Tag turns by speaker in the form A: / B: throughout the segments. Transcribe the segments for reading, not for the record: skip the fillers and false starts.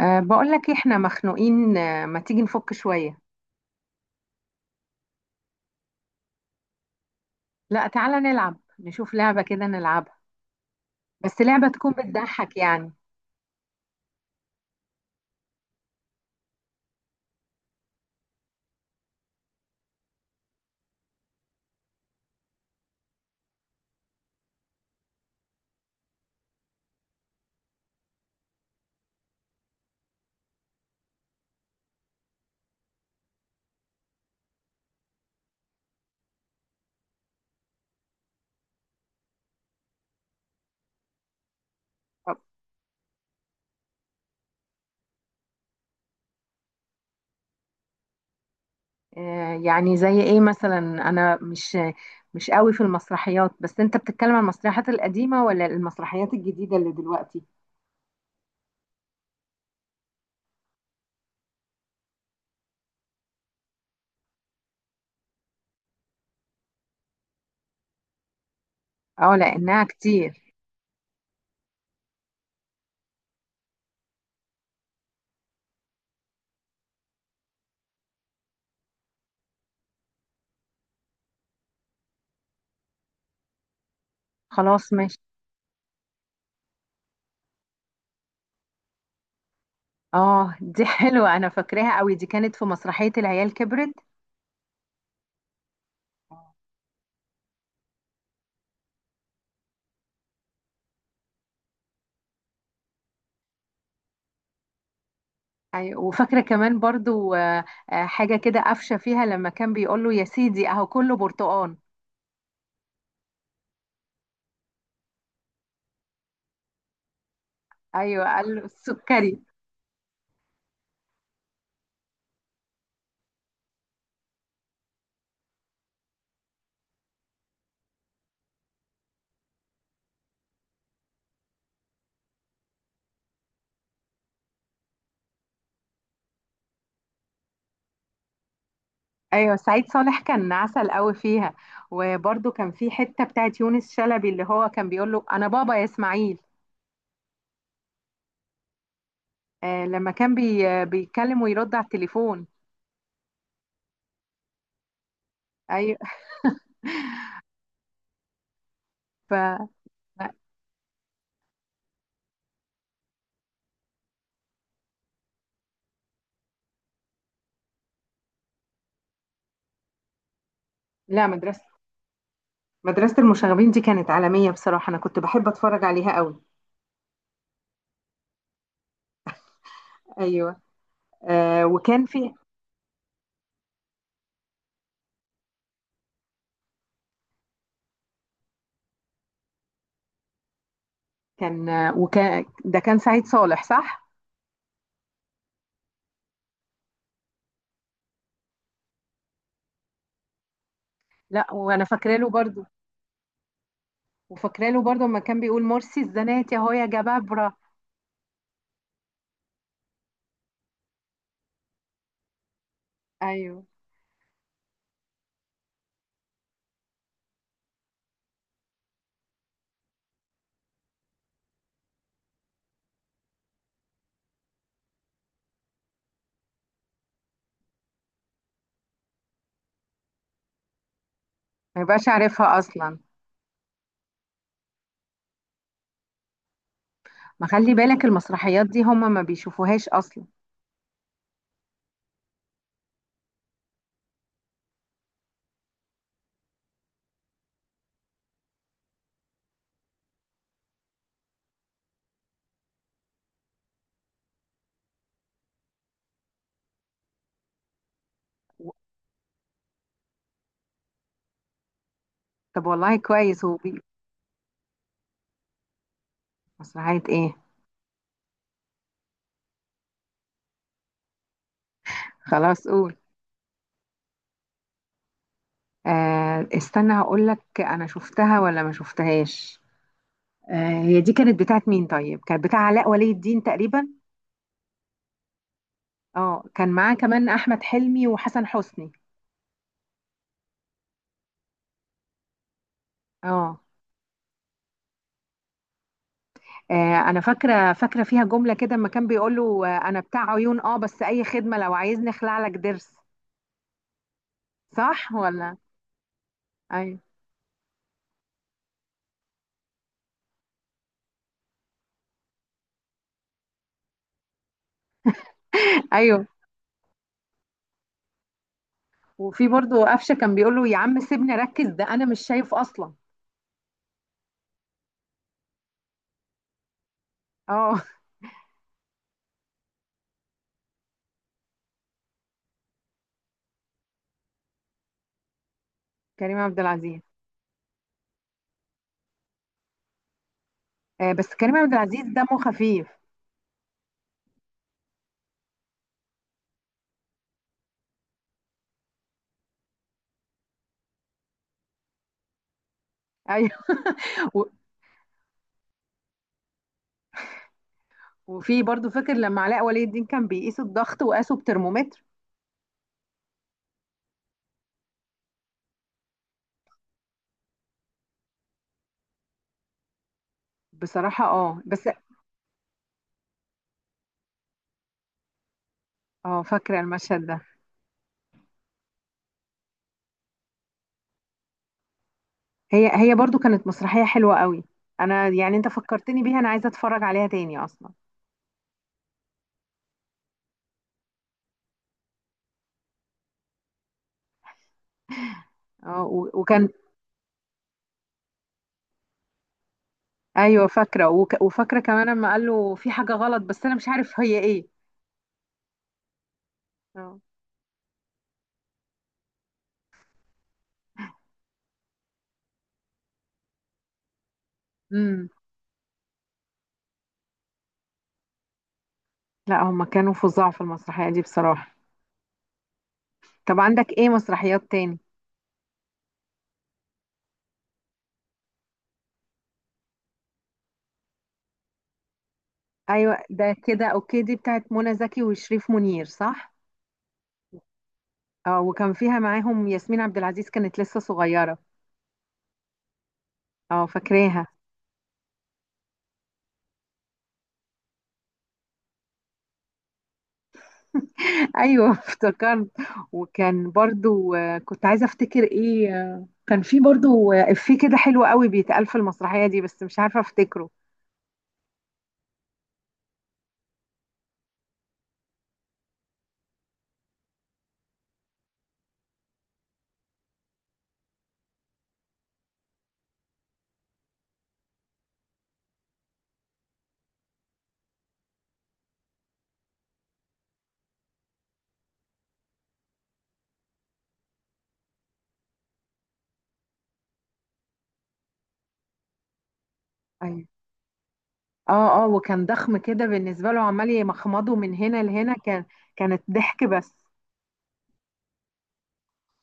A: بقول لك احنا مخنوقين، ما تيجي نفك شوية؟ لا، تعالى نلعب، نشوف لعبة كده نلعبها. بس لعبة تكون بتضحك يعني. طب. أه يعني زي ايه مثلا؟ انا مش قوي في المسرحيات، بس انت بتتكلم عن المسرحيات القديمة ولا المسرحيات الجديدة اللي دلوقتي؟ اه لانها كتير. خلاص ماشي. اه، دي حلوة، انا فاكراها قوي، دي كانت في مسرحية العيال كبرت. أيوة، وفاكرة كمان برضو، حاجة كده قفشة فيها لما كان بيقول له يا سيدي أهو كله برتقان. أيوة، قال له السكري. أيوة، سعيد صالح كان عسل قوي فيها، وبرضو كان في حتة بتاعت يونس شلبي اللي هو كان بيقول له أنا بابا يا إسماعيل. آه، لما كان بي آه، بيتكلم ويرد على التليفون. أيوة. ف لا، لا، مدرسة المشاغبين دي كانت عالمية بصراحة، أنا كنت بحب أتفرج عليها قوي. أيوة. وكان في كان آه، وكان ده كان سعيد صالح صح؟ لا، وانا فاكره له برضو. وفاكره له برضو لما كان بيقول مرسي الزناتي اهو يا جبابره. ايوه. ما يبقاش عارفها اصلا. ما خلي بالك، المسرحيات دي هم ما بيشوفوهاش اصلا. و- طب، والله كويس، مسرحيه ايه؟ خلاص، قول. استنى، هقول لك انا شفتها ولا ما شفتهاش. هي دي كانت بتاعت مين طيب؟ كانت بتاع علاء ولي الدين تقريبا. اه، كان معاه كمان احمد حلمي وحسن حسني. اه. آه، انا فاكره فيها جمله كده اما كان بيقول له، انا بتاع عيون اه بس اي خدمه، لو عايزني اخلع لك ضرس. صح ولا؟ ايوه. ايوه، وفي برضو قفشه كان بيقول له يا عم سيبني اركز، ده انا مش شايف اصلا. اه. كريم عبد العزيز. بس كريم عبد العزيز دمه خفيف. ايوه. و- وفي برضو فاكر لما علاء ولي الدين كان بيقيس الضغط وقاسه بترمومتر. بصراحه اه، بس. اه، فاكره المشهد ده. هي هي برضو كانت مسرحيه حلوه قوي. انا يعني، انت فكرتني بيها، انا عايزه اتفرج عليها تاني اصلا. اه. وكان. ايوه، فاكره، وفاكره كمان لما قال له في حاجه غلط، بس انا مش عارف هي ايه. اه. امم. لا، هما كانوا فظاع في المسرحيه دي بصراحه. طب، عندك ايه مسرحيات تاني؟ ايوه، ده كده اوكي، دي بتاعت منى زكي وشريف منير صح؟ اه، وكان فيها معاهم ياسمين عبد العزيز كانت لسه صغيره. اه، فاكراها. ايوه، افتكرت. وكان برضو، كنت عايزه افتكر ايه، كان في برضو، افيه كده حلو قوي بيتقال في المسرحيه دي، بس مش عارفه افتكره. أيوة. اه، اه، وكان ضخم كده بالنسبة له، عمال يمخمضه من هنا لهنا، كان كانت ضحك بس.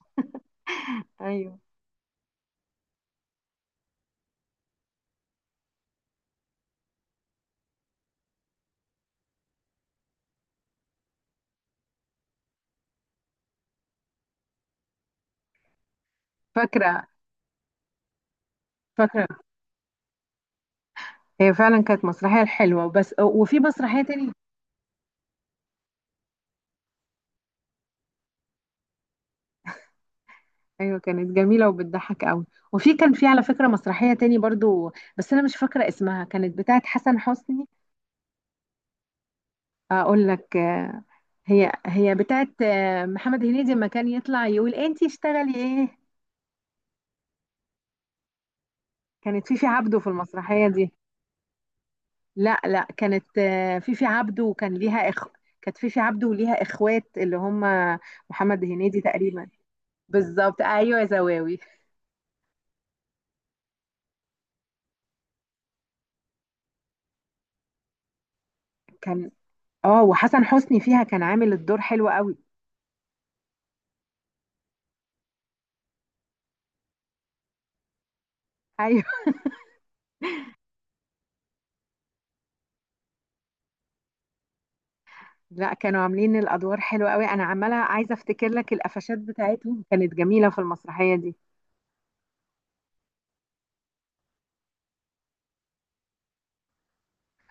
A: ايوه. فاكرة فاكرة هي فعلا كانت مسرحية حلوة، بس وفي مسرحية تاني. ايوه، كانت جميلة وبتضحك قوي. وفي، كان في على فكرة مسرحية تاني برضو، بس انا مش فاكرة اسمها، كانت بتاعت حسن حسني. اقول لك هي هي بتاعت محمد هنيدي لما كان يطلع يقول انتي اشتغلي ايه. كانت فيفي عبده في المسرحية دي. لا، لا، كانت فيفي عبده وكان ليها اخ. كانت فيفي عبده وليها اخوات اللي هم محمد هنيدي تقريبا. بالظبط، ايوه يا زواوي. كان اه وحسن حسني فيها كان عامل الدور حلو قوي. ايوه. لا، كانوا عاملين الادوار حلوه قوي، انا عماله عايزه افتكر لك القفشات بتاعتهم كانت جميله في المسرحيه دي.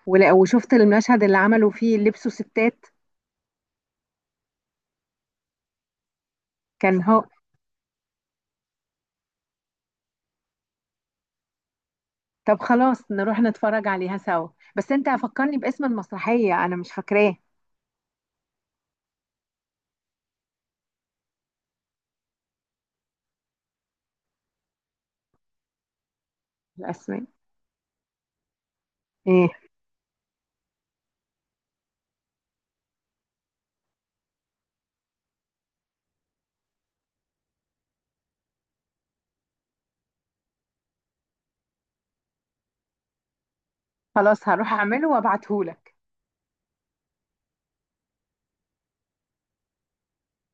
A: وشفت المشهد اللي عملوا فيه لبسوا ستات. كان هو. طب خلاص، نروح نتفرج عليها سوا، بس انت فكرني باسم المسرحيه انا مش فاكراه، الاسماء. إيه؟ خلاص، هروح اعمله وابعتهولك.